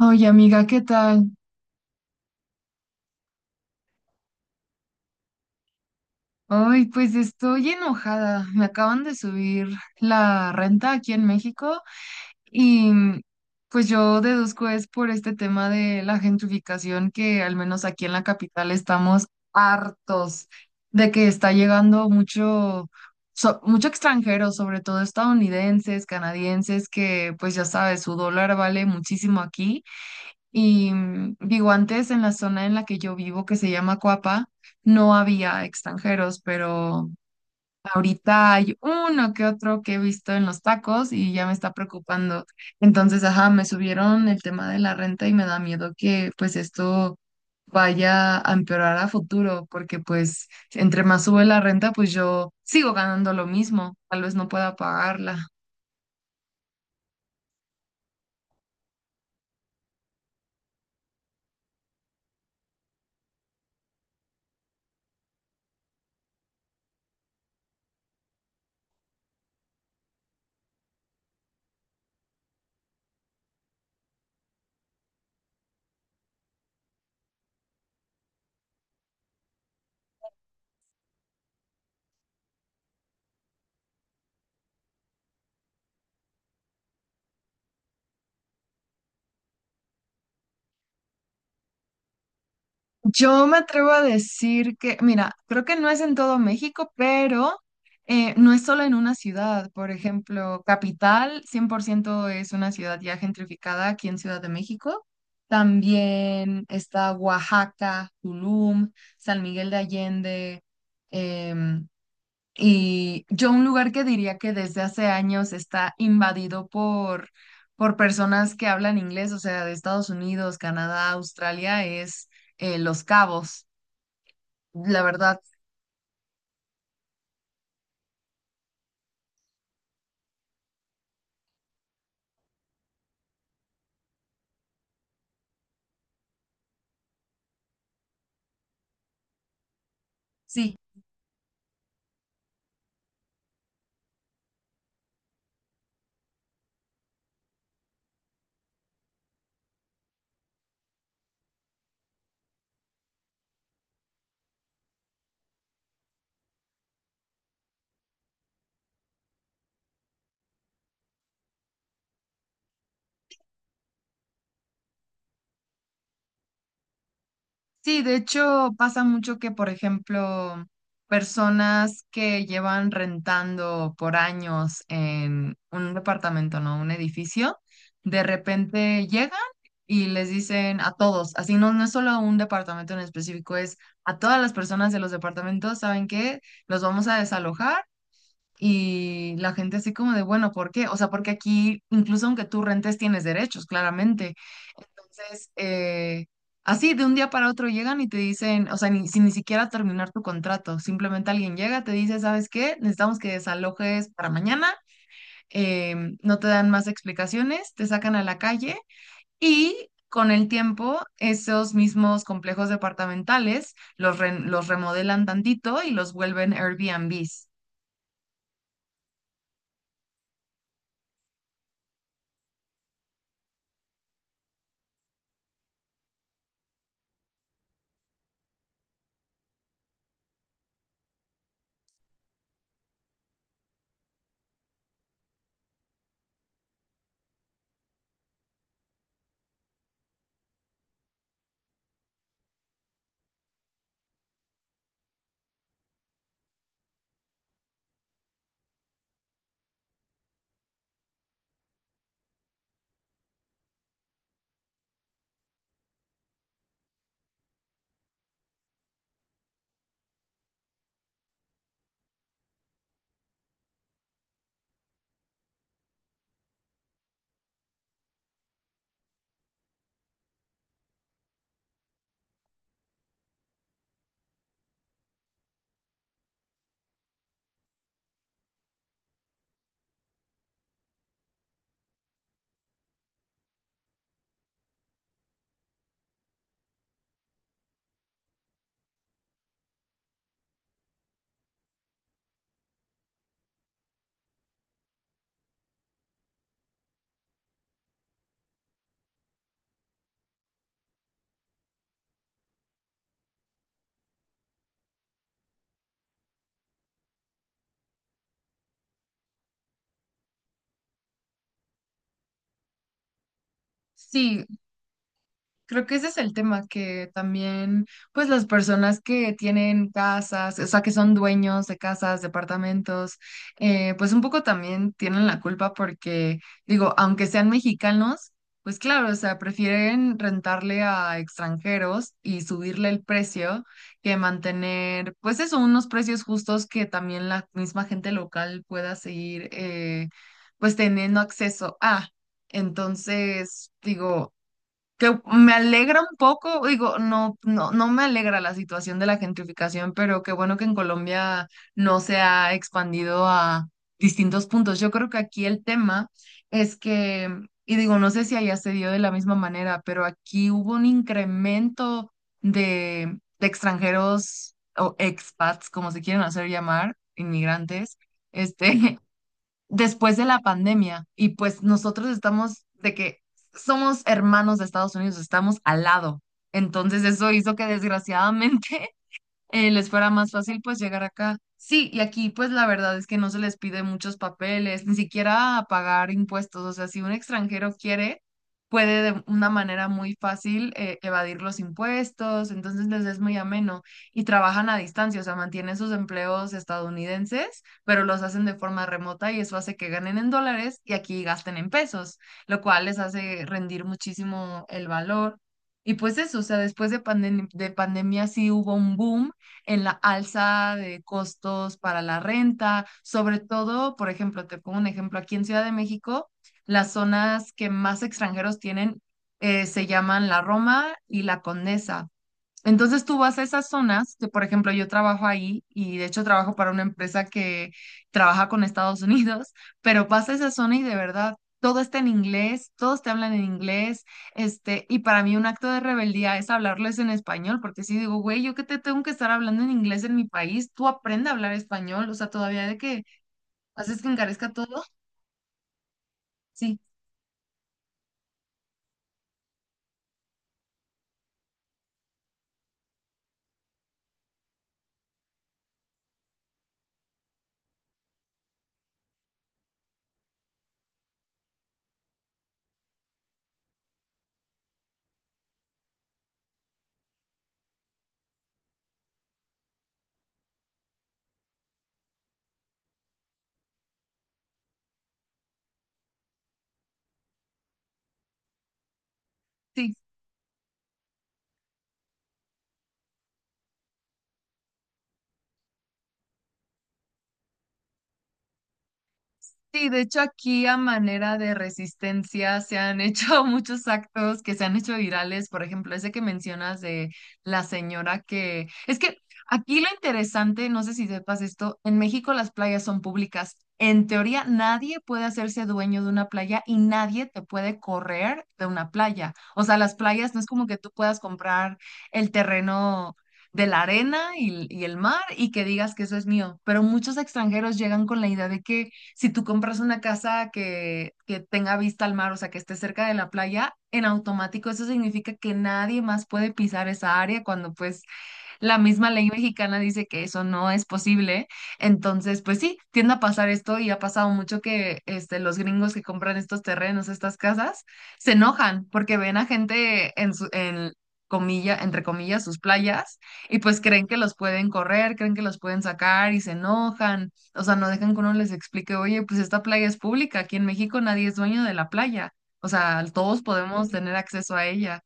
Oye, amiga, ¿qué tal? Ay, pues estoy enojada. Me acaban de subir la renta aquí en México y pues yo deduzco es por este tema de la gentrificación que al menos aquí en la capital estamos hartos de que está llegando mucho, mucho extranjero, sobre todo estadounidenses, canadienses, que pues ya sabes, su dólar vale muchísimo aquí. Y digo, antes en la zona en la que yo vivo, que se llama Coapa, no había extranjeros, pero ahorita hay uno que otro que he visto en los tacos y ya me está preocupando. Entonces, ajá, me subieron el tema de la renta y me da miedo que pues esto vaya a empeorar a futuro, porque pues entre más sube la renta, pues yo sigo ganando lo mismo, tal vez no pueda pagarla. Yo me atrevo a decir que, mira, creo que no es en todo México, pero no es solo en una ciudad. Por ejemplo, Capital 100% es una ciudad ya gentrificada aquí en Ciudad de México. También está Oaxaca, Tulum, San Miguel de Allende, em, y yo un lugar que diría que desde hace años está invadido por personas que hablan inglés, o sea, de Estados Unidos, Canadá, Australia, es Los Cabos. La verdad, sí. Sí, de hecho pasa mucho que, por ejemplo, personas que llevan rentando por años en un departamento, ¿no? Un edificio, de repente llegan y les dicen a todos, así no, no es solo a un departamento en específico, es a todas las personas de los departamentos, ¿saben qué? Los vamos a desalojar y la gente así como de, bueno, ¿por qué? O sea, porque aquí, incluso aunque tú rentes, tienes derechos, claramente. Entonces, así de un día para otro llegan y te dicen, o sea, ni, sin ni siquiera terminar tu contrato, simplemente alguien llega, te dice, ¿sabes qué? Necesitamos que desalojes para mañana, no te dan más explicaciones, te sacan a la calle y... Con el tiempo, esos mismos complejos departamentales los, los remodelan tantito y los vuelven Airbnbs. Sí, creo que ese es el tema, que también, pues las personas que tienen casas, o sea, que son dueños de casas, departamentos, pues un poco también tienen la culpa porque, digo, aunque sean mexicanos, pues claro, o sea, prefieren rentarle a extranjeros y subirle el precio que mantener, pues eso, unos precios justos que también la misma gente local pueda seguir, pues teniendo acceso a. Entonces, digo que me alegra un poco, digo, no, no, no me alegra la situación de la gentrificación, pero qué bueno que en Colombia no se ha expandido a distintos puntos. Yo creo que aquí el tema es que, y digo, no sé si allá se dio de la misma manera, pero aquí hubo un incremento de extranjeros o expats, como se quieren hacer llamar, inmigrantes, este, después de la pandemia y pues nosotros estamos de que somos hermanos de Estados Unidos, estamos al lado. Entonces eso hizo que desgraciadamente les fuera más fácil pues llegar acá. Sí, y aquí pues la verdad es que no se les pide muchos papeles, ni siquiera pagar impuestos. O sea, si un extranjero quiere, puede de una manera muy fácil evadir los impuestos, entonces les es muy ameno y trabajan a distancia, o sea, mantienen sus empleos estadounidenses, pero los hacen de forma remota y eso hace que ganen en dólares y aquí gasten en pesos, lo cual les hace rendir muchísimo el valor. Y pues eso, o sea, después de pandemia sí hubo un boom en la alza de costos para la renta, sobre todo, por ejemplo, te pongo un ejemplo, aquí en Ciudad de México, las zonas que más extranjeros tienen se llaman la Roma y la Condesa. Entonces tú vas a esas zonas, que por ejemplo yo trabajo ahí y de hecho trabajo para una empresa que trabaja con Estados Unidos, pero vas a esa zona y de verdad todo está en inglés, todos te hablan en inglés, este, y para mí un acto de rebeldía es hablarles en español, porque si digo, güey, yo que te tengo que estar hablando en inglés en mi país, tú aprende a hablar español, o sea, todavía de que haces que encarezca todo, sí, sí. Sí, de hecho aquí a manera de resistencia se han hecho muchos actos que se han hecho virales, por ejemplo, ese que mencionas de la señora que... Es que aquí lo interesante, no sé si sepas esto, en México las playas son públicas. En teoría nadie puede hacerse dueño de una playa y nadie te puede correr de una playa. O sea, las playas no es como que tú puedas comprar el terreno de la arena y el mar y que digas que eso es mío, pero muchos extranjeros llegan con la idea de que si tú compras una casa que tenga vista al mar, o sea, que esté cerca de la playa, en automático eso significa que nadie más puede pisar esa área cuando pues la misma ley mexicana dice que eso no es posible. Entonces, pues sí, tiende a pasar esto y ha pasado mucho que este, los gringos que compran estos terrenos, estas casas, se enojan porque ven a gente en su, en comilla, entre comillas, sus playas y pues creen que los pueden correr, creen que los pueden sacar y se enojan. O sea, no dejan que uno les explique, oye, pues esta playa es pública, aquí en México nadie es dueño de la playa. O sea, todos podemos tener acceso a ella.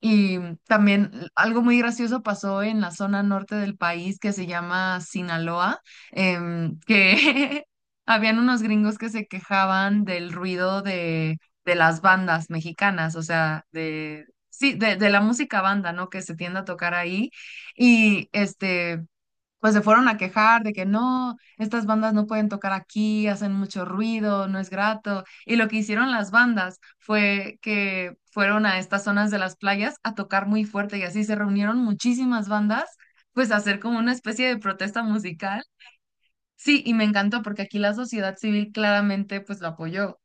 Y también algo muy gracioso pasó en la zona norte del país que se llama Sinaloa, que habían unos gringos que se quejaban del ruido de las bandas mexicanas, o sea, de, sí, de la música banda, ¿no? Que se tiende a tocar ahí. Y este pues se fueron a quejar de que no, estas bandas no pueden tocar aquí, hacen mucho ruido, no es grato. Y lo que hicieron las bandas fue que fueron a estas zonas de las playas a tocar muy fuerte y así se reunieron muchísimas bandas, pues a hacer como una especie de protesta musical. Sí, y me encantó porque aquí la sociedad civil claramente pues lo apoyó.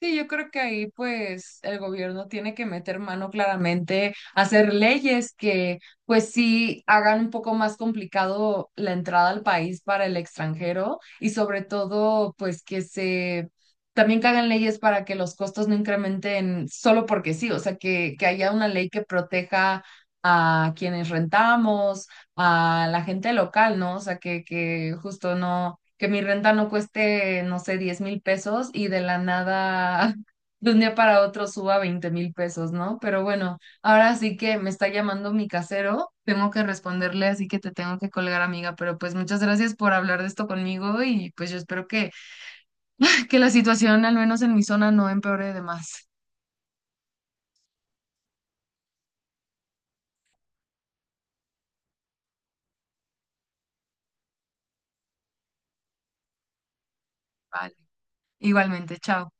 Sí, yo creo que ahí pues el gobierno tiene que meter mano claramente, hacer leyes que pues sí hagan un poco más complicado la entrada al país para el extranjero y sobre todo pues que se también que hagan leyes para que los costos no incrementen solo porque sí, o sea, que haya una ley que proteja a quienes rentamos, a la gente local, ¿no? O sea, que justo no que mi renta no cueste, no sé, 10,000 pesos y de la nada, de un día para otro suba 20,000 pesos, ¿no? Pero bueno, ahora sí que me está llamando mi casero, tengo que responderle, así que te tengo que colgar, amiga, pero pues muchas gracias por hablar de esto conmigo y pues yo espero que la situación, al menos en mi zona, no empeore de más. Vale, igualmente, chao.